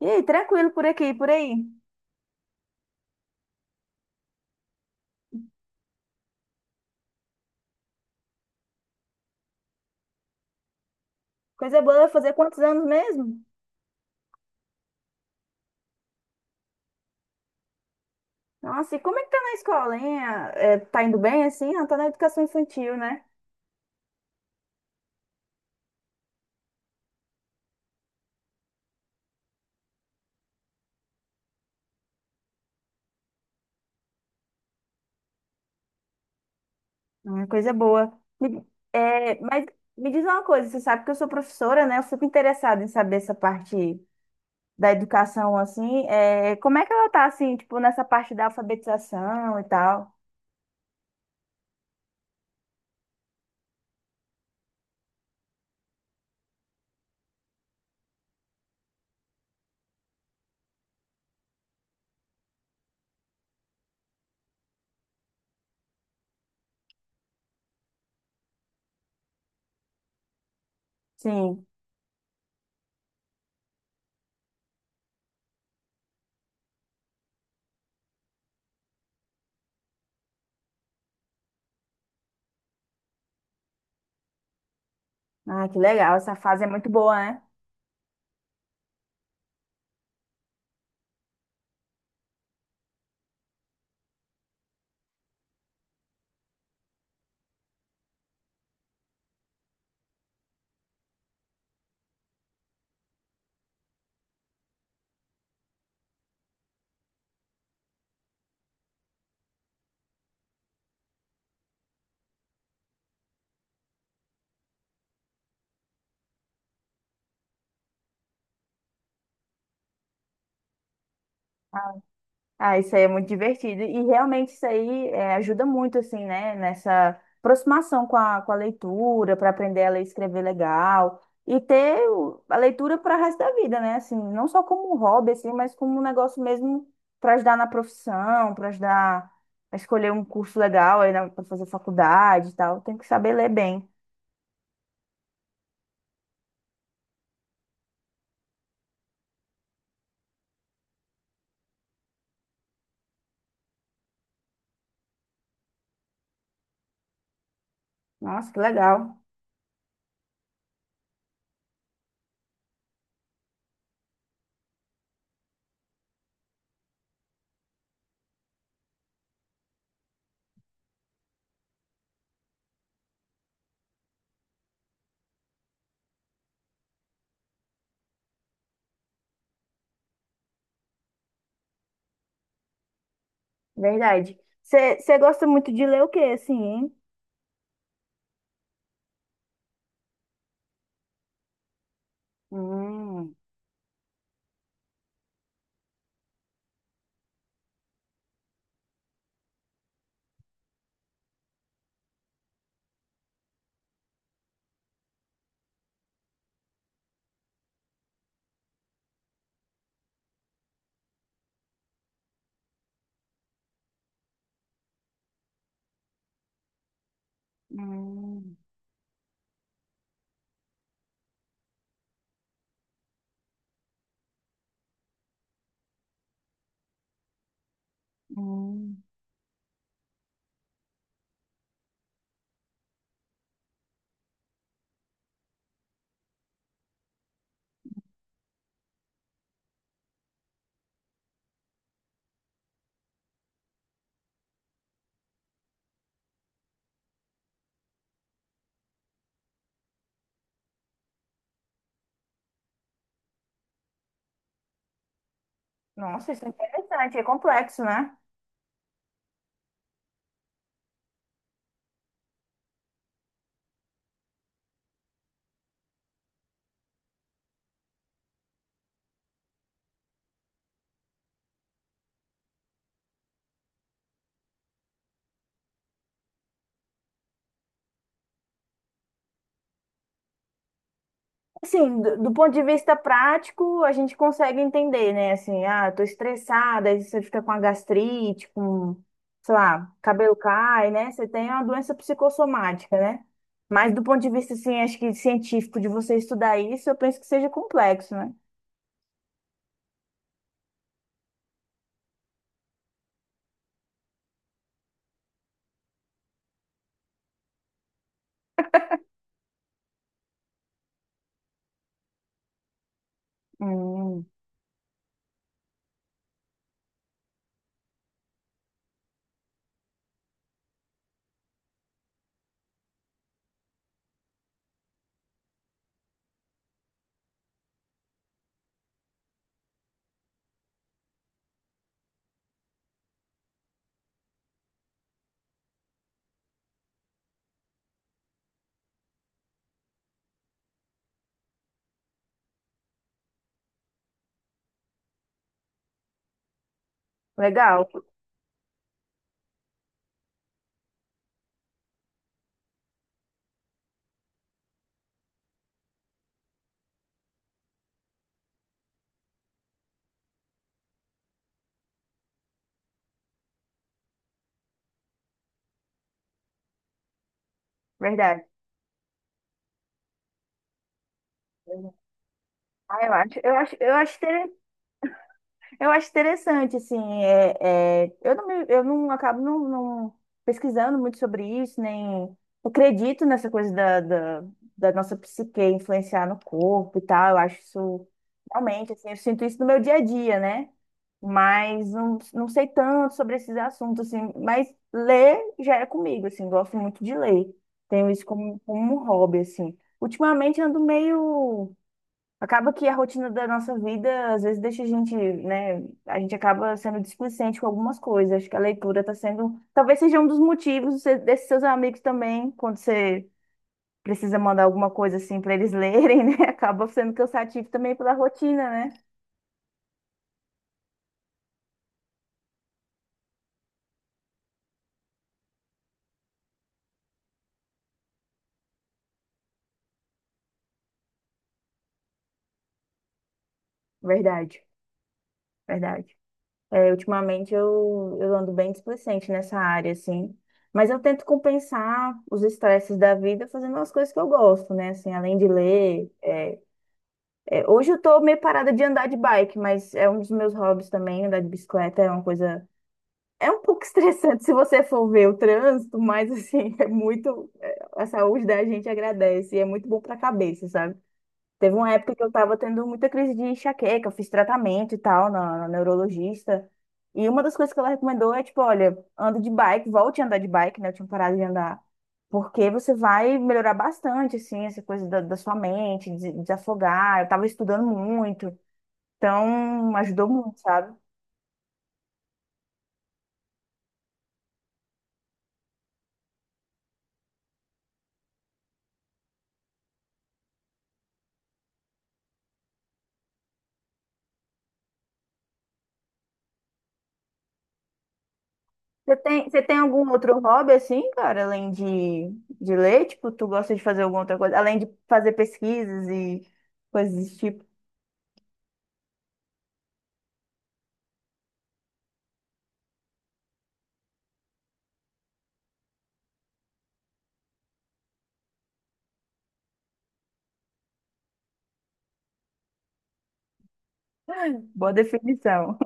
E aí, tranquilo por aqui, por aí. Coisa boa, fazer quantos anos mesmo? Nossa, e como é que tá na escola, hein? Ah, é, tá indo bem assim? Ah, tá na educação infantil, né? Ah, coisa boa. Me- é, mas me diz uma coisa, você sabe que eu sou professora, né? Eu fico interessada em saber essa parte da educação, assim. É, como é que ela tá, assim, tipo, nessa parte da alfabetização e tal? Sim. Ah, que legal, essa fase é muito boa, né? Ah, isso aí é muito divertido. E realmente isso aí ajuda muito, assim, né? Nessa aproximação com a leitura, para aprender a ler e escrever legal. E ter a leitura para o resto da vida, né? Assim, não só como um hobby, assim, mas como um negócio mesmo para ajudar na profissão, para ajudar a escolher um curso legal aí para fazer faculdade e tal. Tem que saber ler bem. Nossa, que legal. Verdade. Você gosta muito de ler o quê, assim, hein? Hum, hum, hum. Nossa, isso é interessante, é complexo, né? Assim, do ponto de vista prático, a gente consegue entender, né? Assim, ah, eu tô estressada, aí você fica com a gastrite, com, sei lá, cabelo cai, né? Você tem uma doença psicossomática, né? Mas do ponto de vista, assim, acho que científico de você estudar isso, eu penso que seja complexo, né? Hum, legal, verdade. Ah, eu acho, eu acho, eu acho Eu acho interessante, assim, eu não, eu não acabo não pesquisando muito sobre isso, nem eu acredito nessa coisa da nossa psique influenciar no corpo e tal, eu acho isso realmente, assim, eu sinto isso no meu dia a dia, né? Mas não sei tanto sobre esses assuntos, assim, mas ler já é comigo, assim, gosto muito de ler, tenho isso como, como um hobby, assim. Ultimamente ando meio. Acaba que a rotina da nossa vida, às vezes, deixa a gente, né? A gente acaba sendo displicente com algumas coisas. Acho que a leitura está sendo. Talvez seja um dos motivos de desses seus amigos também, quando você precisa mandar alguma coisa assim para eles lerem, né? Acaba sendo cansativo também pela rotina, né? Verdade, verdade. É, ultimamente eu ando bem displicente nessa área, assim. Mas eu tento compensar os estresses da vida fazendo as coisas que eu gosto, né? Assim, além de ler. É, hoje eu tô meio parada de andar de bike, mas é um dos meus hobbies também, andar de bicicleta é uma coisa. É um pouco estressante se você for ver o trânsito, mas assim, é muito. A saúde da gente agradece e é muito bom pra cabeça, sabe? Teve uma época que eu tava tendo muita crise de enxaqueca, eu fiz tratamento e tal na neurologista. E uma das coisas que ela recomendou é, tipo, olha, anda de bike, volte a andar de bike, né? Eu tinha parado de andar. Porque você vai melhorar bastante, assim, essa coisa da sua mente, de desafogar. Eu tava estudando muito, então ajudou muito, sabe? Você tem algum outro hobby, assim, cara, além de ler? Tipo, tu gosta de fazer alguma outra coisa? Além de fazer pesquisas e coisas desse tipo? Boa definição.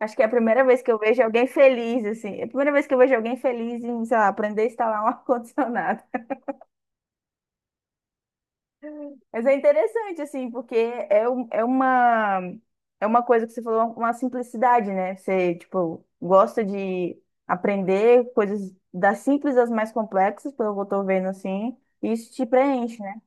Acho que é a primeira vez que eu vejo alguém feliz, assim. É a primeira vez que eu vejo alguém feliz em, sei lá, aprender a instalar um ar-condicionado. Mas é interessante, assim, porque é uma coisa que você falou, uma simplicidade, né? Você, tipo, gosta de aprender coisas das simples às mais complexas, pelo que eu tô vendo, assim. E isso te preenche, né?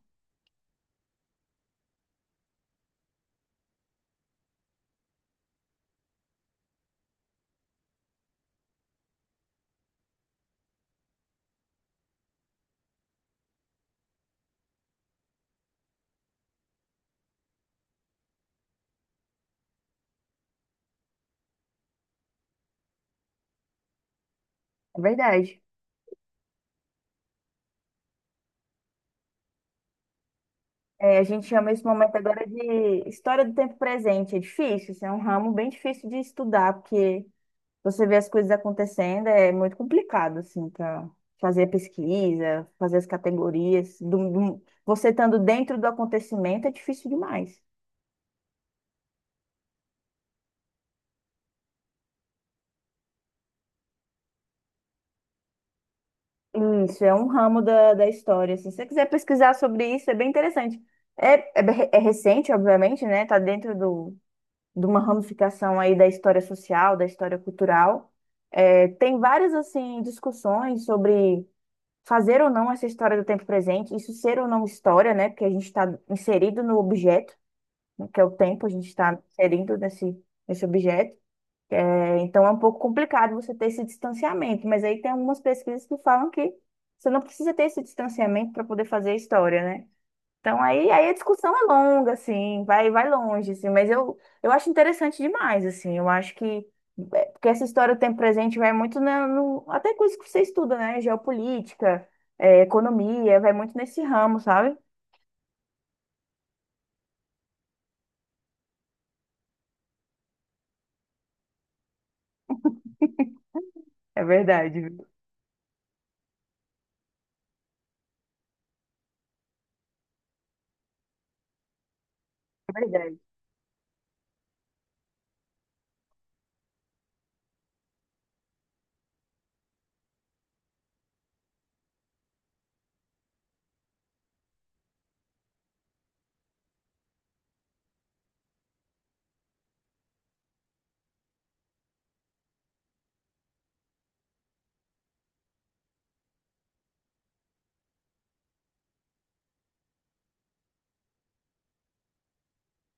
É verdade. É, a gente chama esse momento agora de história do tempo presente. É difícil, isso é um ramo bem difícil de estudar, porque você vê as coisas acontecendo, é muito complicado, assim, para fazer a pesquisa, fazer as categorias. Você estando dentro do acontecimento é difícil demais. Isso, é um ramo da história, assim. Se você quiser pesquisar sobre isso, é bem interessante. É recente, obviamente, né? Tá dentro de uma ramificação aí da história social, da história cultural. É, tem várias, assim, discussões sobre fazer ou não essa história do tempo presente, isso ser ou não história, né? Porque a gente está inserido no objeto, né, que é o tempo, a gente está inserido nesse objeto. É, então é um pouco complicado você ter esse distanciamento, mas aí tem algumas pesquisas que falam que você não precisa ter esse distanciamento para poder fazer a história, né? Então aí a discussão é longa, assim, vai longe, assim, mas eu acho interessante demais, assim, eu acho que, é, porque essa história do tempo presente vai muito na, no, até coisas que você estuda, né, geopolítica, é, economia, vai muito nesse ramo, sabe? É verdade, viu? É verdade,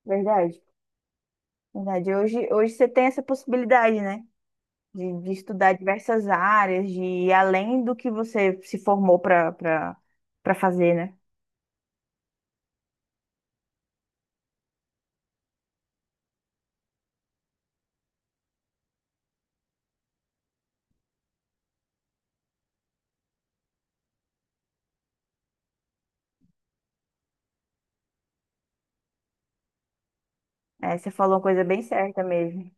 verdade, verdade. Hoje você tem essa possibilidade, né, de estudar diversas áreas, de ir além do que você se formou para para fazer, né? É, você falou uma coisa bem certa mesmo.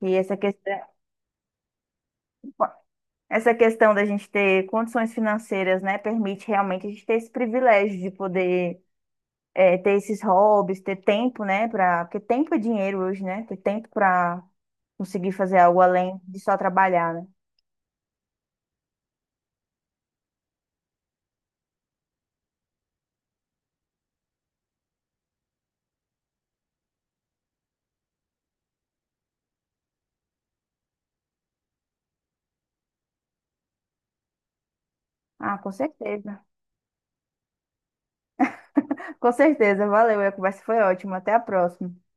E essa questão. Essa questão da gente ter condições financeiras, né, permite realmente a gente ter esse privilégio de poder é, ter esses hobbies, ter tempo, né, para porque tempo é dinheiro hoje, né, ter tempo para conseguir fazer algo além de só trabalhar, né? Ah, com certeza. Com certeza, valeu. A conversa foi ótima. Até a próxima.